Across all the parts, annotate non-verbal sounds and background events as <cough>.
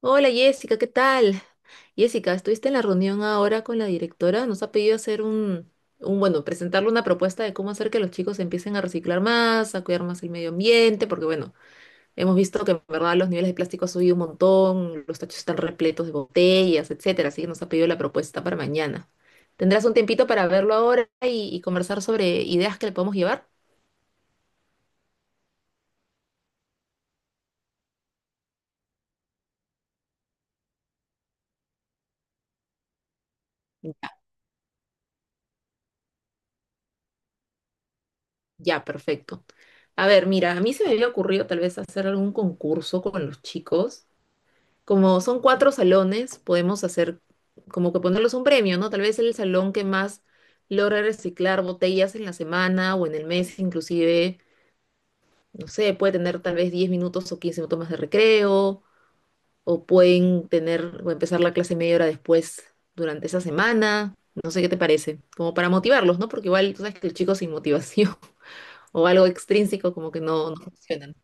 Hola Jessica, ¿qué tal? Jessica, estuviste en la reunión ahora con la directora. Nos ha pedido hacer un, presentarle una propuesta de cómo hacer que los chicos empiecen a reciclar más, a cuidar más el medio ambiente, porque bueno, hemos visto que en verdad los niveles de plástico han subido un montón, los tachos están repletos de botellas, etcétera. Así que nos ha pedido la propuesta para mañana. ¿Tendrás un tiempito para verlo ahora y conversar sobre ideas que le podemos llevar? Ya, perfecto. A ver, mira, a mí se me había ocurrido tal vez hacer algún concurso con los chicos. Como son 4 salones, podemos hacer como que ponerlos un premio, ¿no? Tal vez el salón que más logra reciclar botellas en la semana o en el mes, inclusive, no sé, puede tener tal vez 10 minutos o 15 minutos más de recreo, o pueden tener o empezar la clase media hora después durante esa semana. No sé qué te parece, como para motivarlos, ¿no? Porque igual tú sabes que el chico sin motivación <laughs> o algo extrínseco como que no funcionan.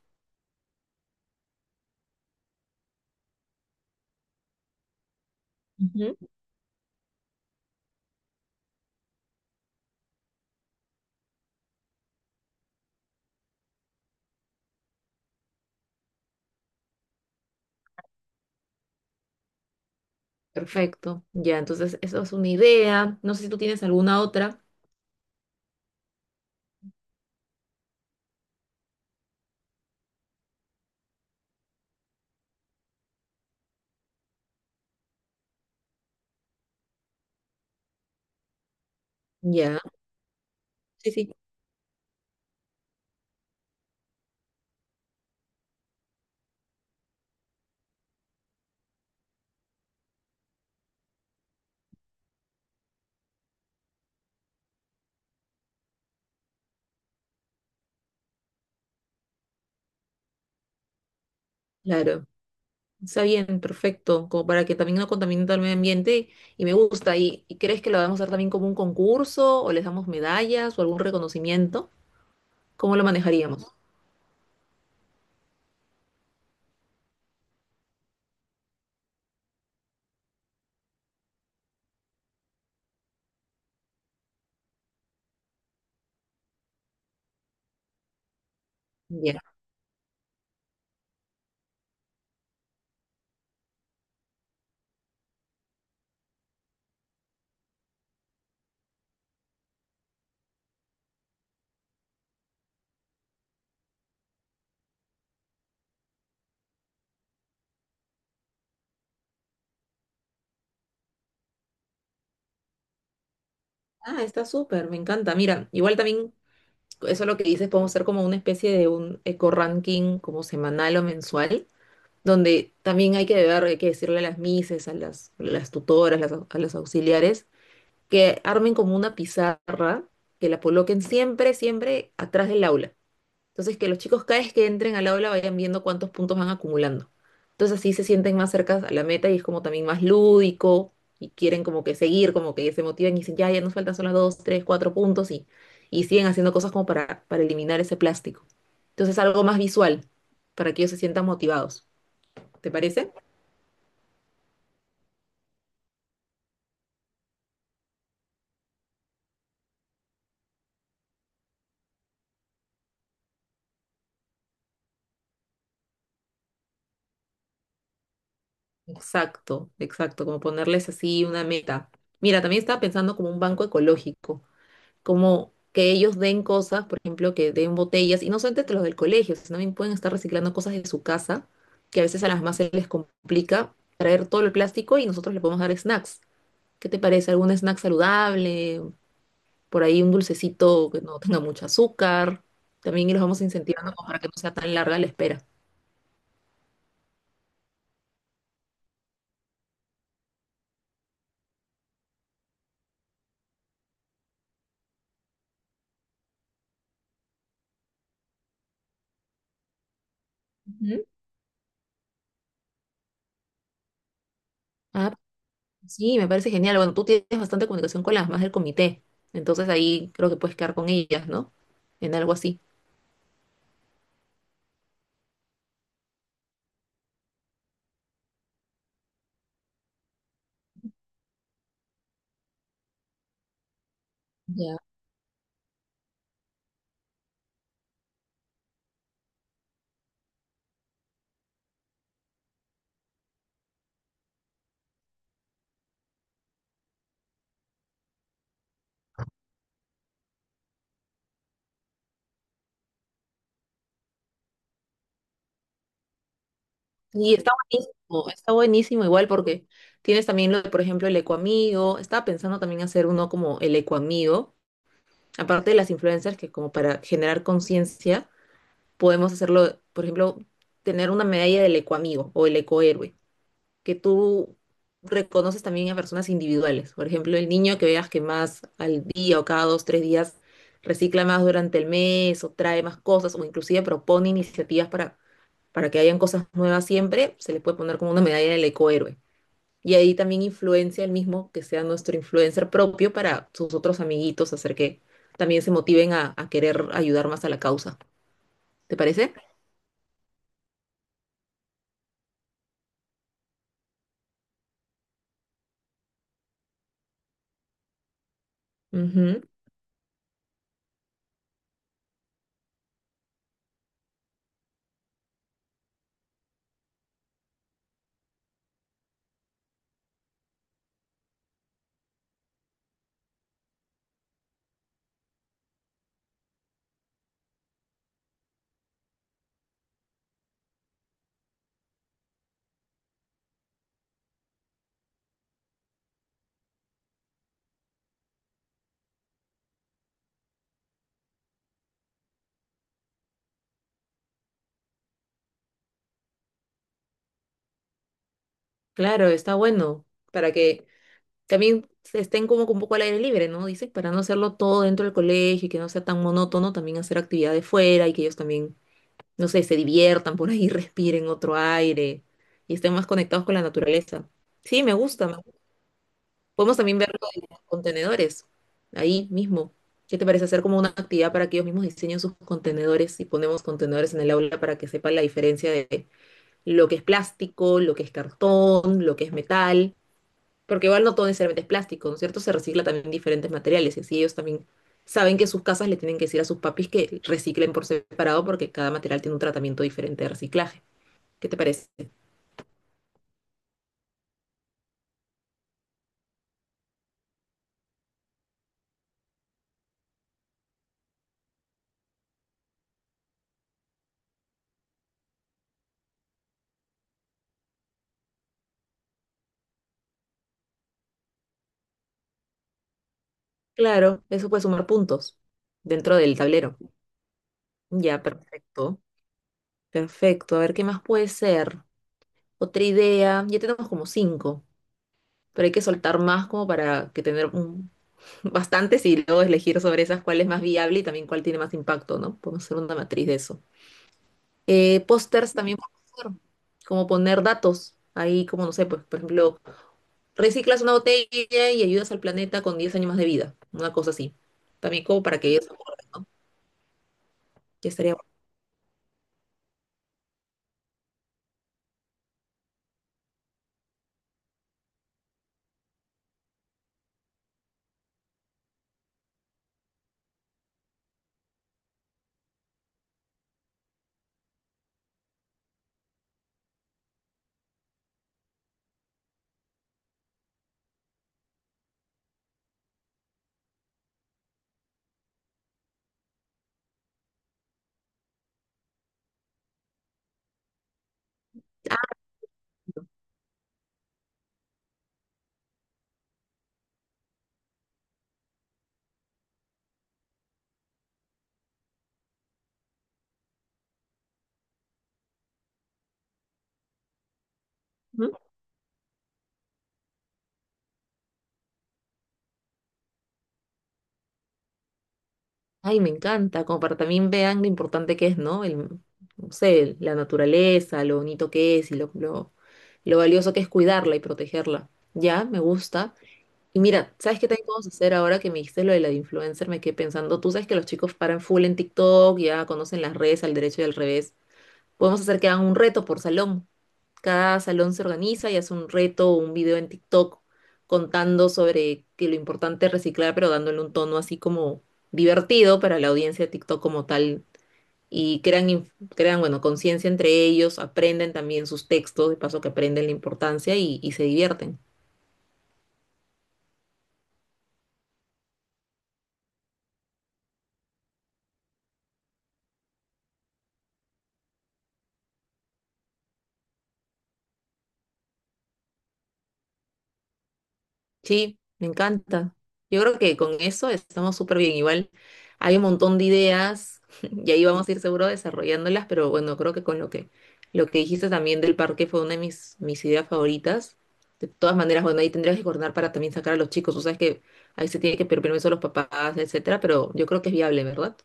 Ujú. Perfecto. Ya, entonces eso es una idea. No sé si tú tienes alguna otra. Ya. Sí, sí, claro. Está bien, perfecto. Como para que también no contamine todo el medio ambiente. Y me gusta. Y crees que lo vamos a hacer también como un concurso? ¿O les damos medallas o algún reconocimiento? ¿Cómo lo manejaríamos? Bien. Ah, está súper, me encanta. Mira, igual también, eso lo que dices, podemos hacer como una especie de un eco-ranking como semanal o mensual, donde también hay que ver, hay que decirle a las mises, a las tutoras, a las auxiliares que armen como una pizarra, que la coloquen siempre, siempre atrás del aula. Entonces, que los chicos cada vez que entren al aula vayan viendo cuántos puntos van acumulando. Entonces, así se sienten más cerca a la meta y es como también más lúdico y quieren como que seguir, como que se motivan y dicen, ya, ya nos faltan solo dos, tres, cuatro puntos y siguen haciendo cosas como para eliminar ese plástico. Entonces, algo más visual para que ellos se sientan motivados. ¿Te parece? Exacto, exacto, como ponerles así una meta. Mira, también estaba pensando como un banco ecológico, como que ellos den cosas, por ejemplo, que den botellas, y no solamente los del colegio, sino también pueden estar reciclando cosas de su casa, que a veces a las más se les complica traer todo el plástico y nosotros le podemos dar snacks. ¿Qué te parece? ¿Algún snack saludable? Por ahí un dulcecito que no tenga mucho azúcar. También los vamos incentivando como para que no sea tan larga la espera. Ujú. Ah, sí, me parece genial. Bueno, tú tienes bastante comunicación con las más del comité, entonces ahí creo que puedes quedar con ellas, ¿no? En algo así. Ya. Y está buenísimo igual porque tienes también lo de, por ejemplo, el ecoamigo. Estaba pensando también hacer uno como el ecoamigo, aparte de las influencers que como para generar conciencia, podemos hacerlo, por ejemplo, tener una medalla del ecoamigo o el ecohéroe, que tú reconoces también a personas individuales. Por ejemplo, el niño que veas que más al día o cada dos, tres días recicla más durante el mes o trae más cosas o inclusive propone iniciativas para que hayan cosas nuevas siempre, se le puede poner como una medalla del ecohéroe. Y ahí también influencia el mismo que sea nuestro influencer propio para sus otros amiguitos, hacer que también se motiven a querer ayudar más a la causa. ¿Te parece? Ujú. Claro, está bueno para que también estén como que un poco al aire libre, ¿no? Dice, para no hacerlo todo dentro del colegio y que no sea tan monótono, también hacer actividades fuera y que ellos también, no sé, se diviertan por ahí, <laughs> respiren otro aire y estén más conectados con la naturaleza. Sí, me gusta. Me gusta. Podemos también ver lo de los contenedores ahí mismo. ¿Qué te parece hacer como una actividad para que ellos mismos diseñen sus contenedores y ponemos contenedores en el aula para que sepan la diferencia de lo que es plástico, lo que es cartón, lo que es metal? Porque igual no todo necesariamente es plástico, ¿no es cierto? Se recicla también diferentes materiales y así ellos también saben que sus casas le tienen que decir a sus papis que reciclen por separado porque cada material tiene un tratamiento diferente de reciclaje. ¿Qué te parece? Claro, eso puede sumar puntos dentro del tablero. Ya, perfecto. Perfecto. A ver, ¿qué más puede ser? Otra idea. Ya tenemos como cinco, pero hay que soltar más como para que <laughs> bastantes y luego elegir sobre esas cuál es más viable y también cuál tiene más impacto, ¿no? Podemos hacer una matriz de eso. Pósters también puedes hacer, como poner datos. Ahí, como no sé, pues, por ejemplo, reciclas una botella y ayudas al planeta con 10 años más de vida. Una cosa así. También como para que ellos se acuerden, ¿no? Ya estaría bueno. Ah, ujú. Ay, me encanta. Como para también vean lo importante que es, ¿no? El, no sé, la naturaleza, lo bonito que es y lo valioso que es cuidarla y protegerla. Ya, me gusta. Y mira, ¿sabes qué también podemos hacer ahora que me dijiste lo de la de influencer? Me quedé pensando, tú sabes que los chicos paran full en TikTok, ya conocen las redes al derecho y al revés. Podemos hacer que hagan un reto por salón. Cada salón se organiza y hace un reto o un video en TikTok contando sobre que lo importante es reciclar, pero dándole un tono así como divertido para la audiencia de TikTok como tal. Y crean, crean, bueno, conciencia entre ellos, aprenden también sus textos, de paso que aprenden la importancia y se divierten. Sí, me encanta. Yo creo que con eso estamos súper bien. Igual hay un montón de ideas <laughs> y ahí vamos a ir seguro desarrollándolas, pero bueno, creo que con lo que dijiste también del parque fue una de mis ideas favoritas. De todas maneras, bueno, ahí tendrías que coordinar para también sacar a los chicos. Tú sabes que ahí se tiene que pedir permiso a los papás, etcétera, pero yo creo que es viable, ¿verdad?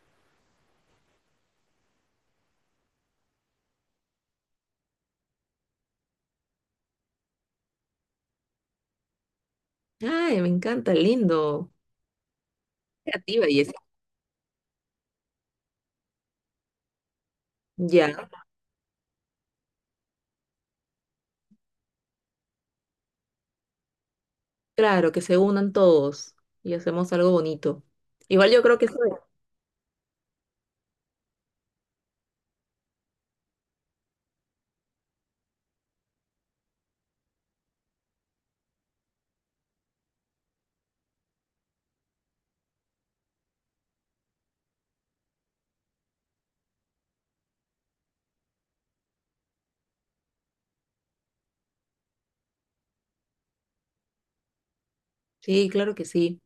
Ay, me encanta, lindo. Creativa y es. Ya, claro, que se unan todos y hacemos algo bonito. Igual yo creo que eso- Sí, claro que sí.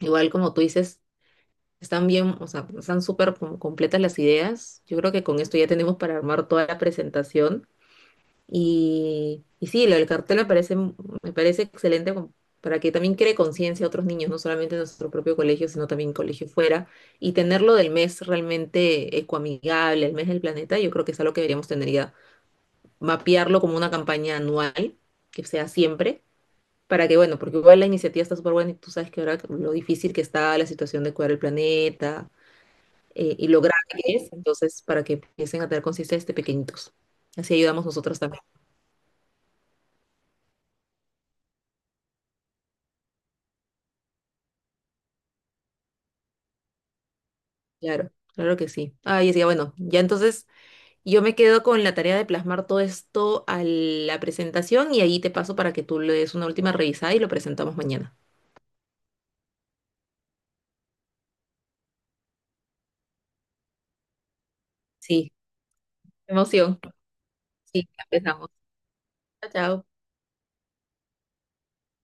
Igual como tú dices, están bien, o sea, están súper completas las ideas. Yo creo que con esto ya tenemos para armar toda la presentación. Y sí, lo del cartel me parece excelente como para que también cree conciencia a otros niños, no solamente en nuestro propio colegio, sino también colegio fuera. Y tenerlo del mes realmente ecoamigable, el mes del planeta, yo creo que es algo que deberíamos tener ya, mapearlo como una campaña anual, que sea siempre. Para que, bueno, porque igual la iniciativa está súper buena y tú sabes que ahora lo difícil que está la situación de cuidar el planeta, y lo grave que es, entonces para que empiecen a tener conciencia desde pequeñitos. Así ayudamos nosotros también. Claro, claro que sí. Ah, y decía, bueno, ya entonces yo me quedo con la tarea de plasmar todo esto a la presentación y ahí te paso para que tú le des una última revisada y lo presentamos mañana. Sí, emoción. Sí, empezamos. Chao, chao.